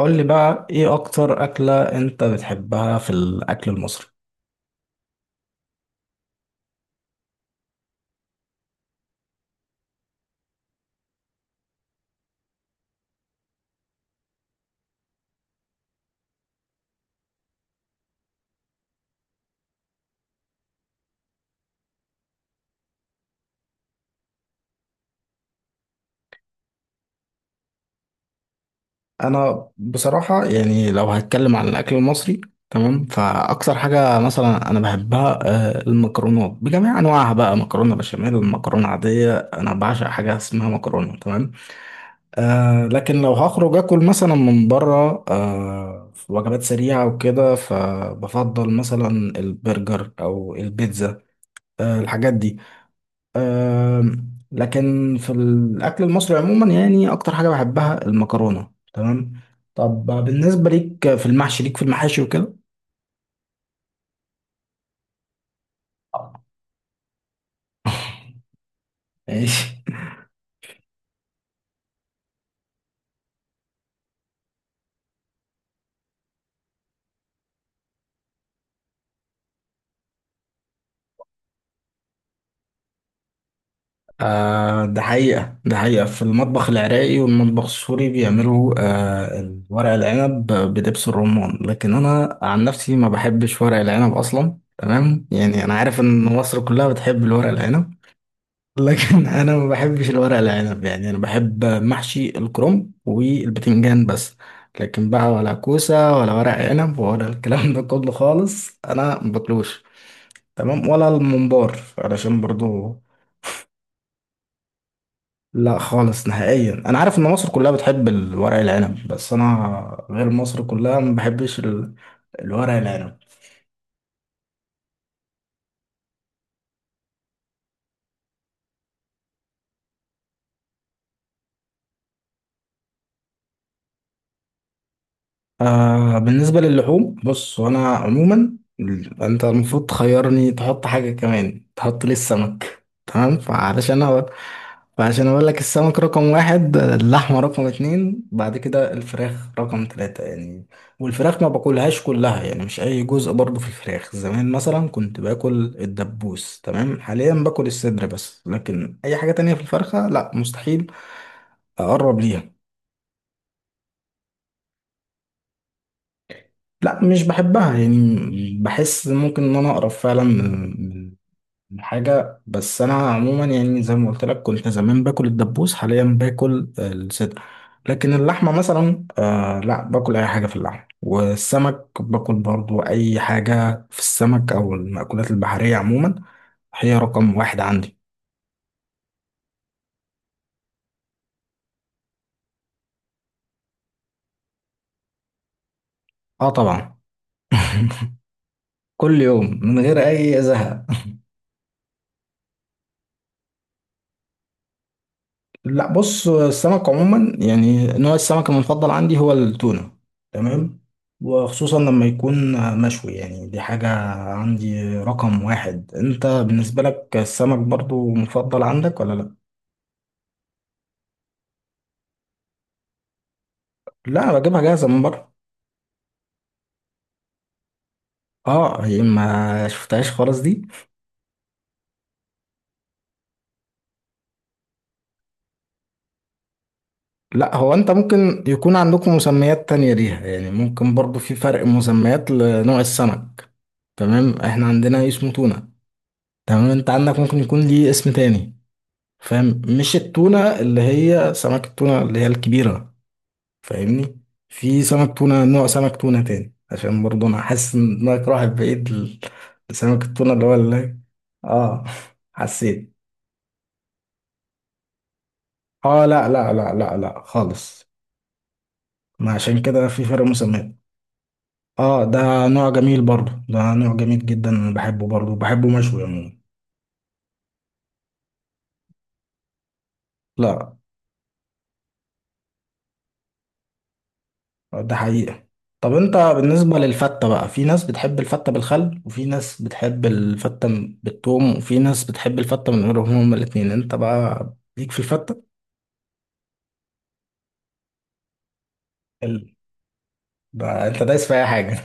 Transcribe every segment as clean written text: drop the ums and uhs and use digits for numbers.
قول لي بقى ايه اكتر اكلة انت بتحبها في الاكل المصري؟ انا بصراحة يعني لو هتكلم عن الاكل المصري، تمام، فاكتر حاجة مثلا انا بحبها، المكرونات بجميع انواعها، بقى مكرونة بشاميل، مكرونة عادية. انا بعشق حاجة اسمها مكرونة. تمام. لكن لو هخرج اكل مثلا من بره، في وجبات سريعة وكده، فبفضل مثلا البرجر او البيتزا. الحاجات دي. لكن في الأكل المصري عموما، يعني أكتر حاجة بحبها المكرونة. تمام. طب بالنسبة ليك في المحاشي وكده؟ ماشي. ده حقيقة، ده حقيقة، في المطبخ العراقي والمطبخ السوري بيعملوا ورق العنب بدبس الرمان. لكن أنا عن نفسي ما بحبش ورق العنب أصلا. تمام، يعني أنا عارف إن مصر كلها بتحب الورق العنب. لكن انا ما بحبش الورق العنب. يعني انا بحب محشي الكرنب والبتنجان بس. لكن بقى ولا كوسه ولا ورق عنب ولا الكلام ده كله خالص، انا ما باكلوش. تمام، ولا الممبار علشان برضو. لا خالص نهائيا. انا عارف ان مصر كلها بتحب الورق العنب، بس انا غير مصر كلها. ما بحبش الورق العنب. بالنسبة للحوم، بص، وأنا عموما أنت المفروض تخيرني، تحط حاجة كمان، تحط لي السمك. تمام، فعلشان أقول فعشان أقول لك، السمك رقم واحد، اللحمة رقم اتنين، بعد كده الفراخ رقم تلاتة يعني. والفراخ ما باكلهاش كلها، يعني مش أي جزء برضو في الفراخ. زمان مثلا كنت باكل الدبوس، تمام، حاليا باكل الصدر بس، لكن أي حاجة تانية في الفرخة لا، مستحيل أقرب ليها. لا، مش بحبها يعني. بحس ممكن ان انا اقرب فعلا من حاجه، بس انا عموما يعني زي ما قلت لك، كنت زمان باكل الدبوس، حاليا باكل الصدر. لكن اللحمه مثلا، لا، باكل اي حاجه في اللحمه. والسمك باكل برضو اي حاجه في السمك او المأكولات البحريه عموما. هي رقم واحد عندي. اه طبعا. كل يوم من غير اي زهق. لا بص، السمك عموما، يعني نوع السمك المفضل عندي هو التونة. تمام. وخصوصا لما يكون مشوي. يعني دي حاجة عندي رقم واحد. انت بالنسبة لك السمك برضو مفضل عندك ولا لا؟ لا، بجيبها جاهزة من بره. اه، هي ما شفتهاش خالص دي. لا، هو انت ممكن يكون عندكم مسميات تانية ليها. يعني ممكن برضو في فرق مسميات لنوع السمك. تمام، احنا عندنا اسمه تونة. تمام، انت عندك ممكن يكون ليه اسم تاني. فاهم؟ مش التونة اللي هي سمك التونة اللي هي الكبيرة. فاهمني؟ في سمك تونة، نوع سمك تونة تاني، عشان برضه انا حاسس ان دماغك راحت بعيد لسمك التونة اللي هو اللي... اه حسيت. اه لا لا لا لا لا، خالص. ما عشان كده في فرق مسميات. اه، ده نوع جميل برضه، ده نوع جميل جدا، انا بحبه برضه، بحبه مشوي عموما. لا، ده حقيقة. طب انت بالنسبة للفتة بقى، في ناس بتحب الفتة بالخل، وفي ناس بتحب الفتة بالثوم، وفي ناس بتحب الفتة من غيرهم هما الاتنين. انت بقى ليك في الفتة؟ ال... ده انت دايس في اي حاجة.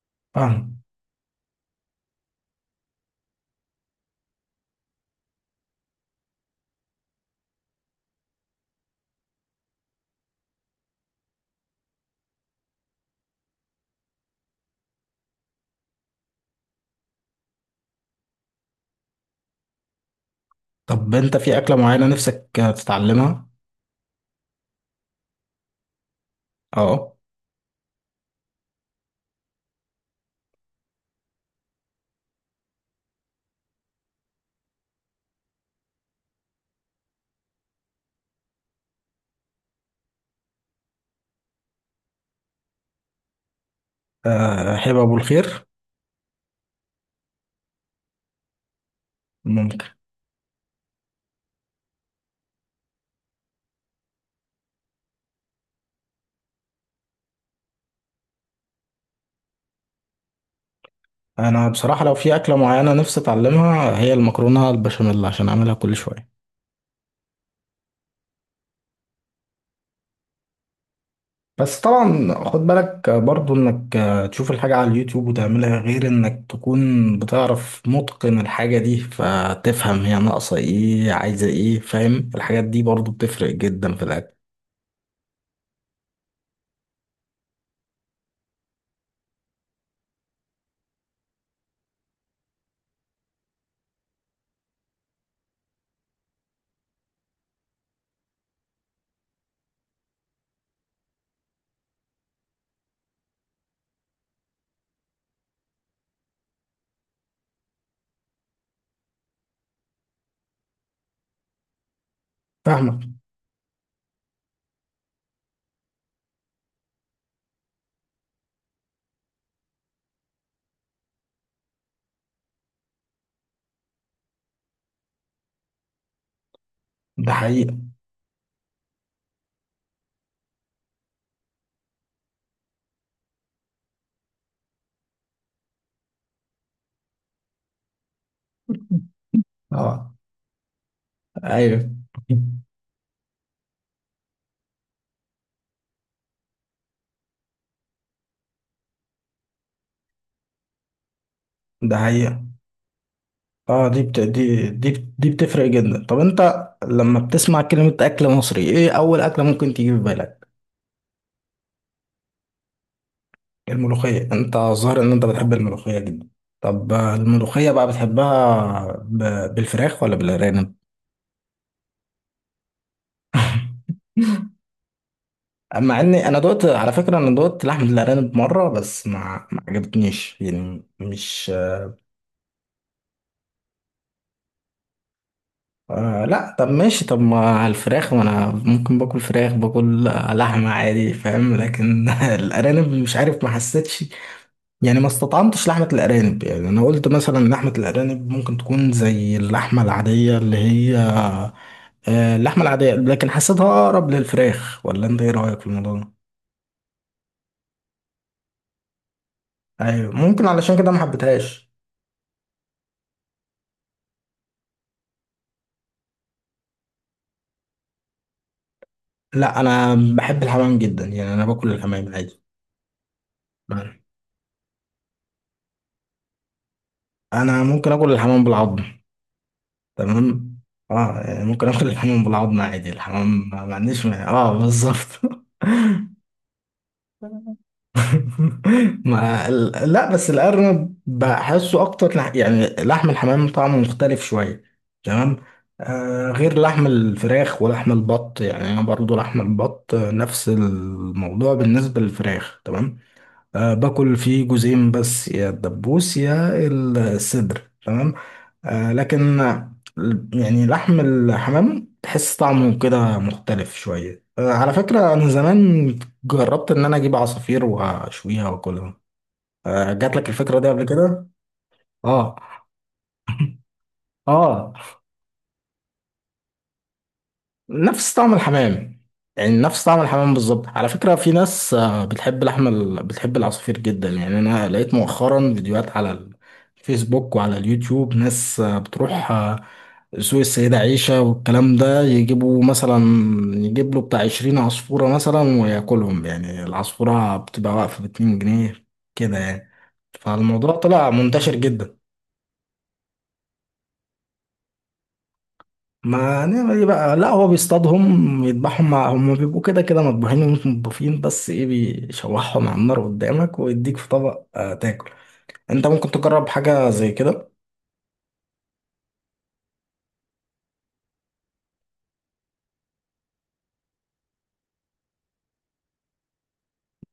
اه، طب انت في اكلة معينة نفسك تتعلمها؟ اه، اه، حلو، ابو الخير. ممكن. انا بصراحة لو في اكلة معينة نفسي اتعلمها، هي المكرونة البشاميل، عشان اعملها كل شوية. بس طبعا خد بالك برضو انك تشوف الحاجة على اليوتيوب وتعملها، غير انك تكون بتعرف متقن الحاجة دي، فتفهم هي ناقصة ايه، عايزة ايه، فاهم؟ الحاجات دي برضو بتفرق جدا في الاكل. فاهمك. ده حقيقة. اه، ايوه، ده حقيقة. اه دي بت... دي دي دي بتفرق جدا. طب انت لما بتسمع كلمة اكل مصري، ايه اول اكلة ممكن تيجي في بالك؟ الملوخية. انت ظاهر ان انت بتحب الملوخية جدا. طب الملوخية بقى بتحبها بالفراخ ولا بالارانب؟ اما اني انا دوت على فكرة، انا دوت لحم الارانب مرة بس، ما عجبتنيش. يعني مش... لا، طب ماشي. طب ما الفراخ وانا ممكن باكل فراخ، باكل لحمة عادي، فاهم. لكن الارانب مش عارف، ما حسيتش. يعني ما استطعمتش لحمة الارانب. يعني انا قلت مثلا لحمة الارانب ممكن تكون زي اللحمة العادية اللي هي، اللحمة العادية، لكن حسيتها أقرب للفراخ. ولا أنت إيه رأيك في الموضوع ده؟ أيوة، ممكن علشان كده ما حبيتهاش. لا، أنا بحب الحمام جدا. يعني أنا باكل الحمام عادي. أنا ممكن آكل الحمام بالعظم. تمام. يعني ممكن آكل الحمام بالعظم عادي، الحمام ما عنديش مانع. أه بالظبط. ما ال- لا، بس الأرنب بحسه أكتر، يعني لحم الحمام طعمه مختلف شوية. تمام. غير لحم الفراخ ولحم البط. يعني أنا برضو لحم البط نفس الموضوع بالنسبة للفراخ. تمام. باكل فيه جزئين بس، يا الدبوس يا الصدر. تمام. آه لكن آه، يعني لحم الحمام تحس طعمه كده مختلف شوية. على فكرة، أنا زمان جربت إن أنا أجيب عصافير وأشويها وأكلها. جات لك الفكرة دي قبل كده؟ آه، آه. نفس طعم الحمام. يعني نفس طعم الحمام بالظبط. على فكرة في ناس بتحب لحم بتحب العصافير جدا. يعني أنا لقيت مؤخرا فيديوهات على الفيسبوك وعلى اليوتيوب، ناس بتروح سوق السيدة عيشة والكلام ده، يجيبوا مثلا، يجيب له بتاع 20 عصفورة مثلا وياكلهم. يعني العصفورة بتبقى واقفة ب2 جنيه كده يعني. فالموضوع طلع منتشر جدا. ما هنعمل ايه بقى. لا هو بيصطادهم يذبحهم، مع هم بيبقوا كده كده مطبوخين ومش مطبوخين. بس ايه، بيشوحهم على النار قدامك ويديك في طبق تاكل. انت ممكن تجرب حاجة زي كده.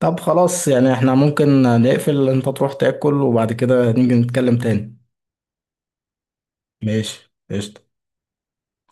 طب خلاص، يعني احنا ممكن نقفل، انت تروح تاكل وبعد كده نيجي نتكلم تاني. ماشي، قشطة.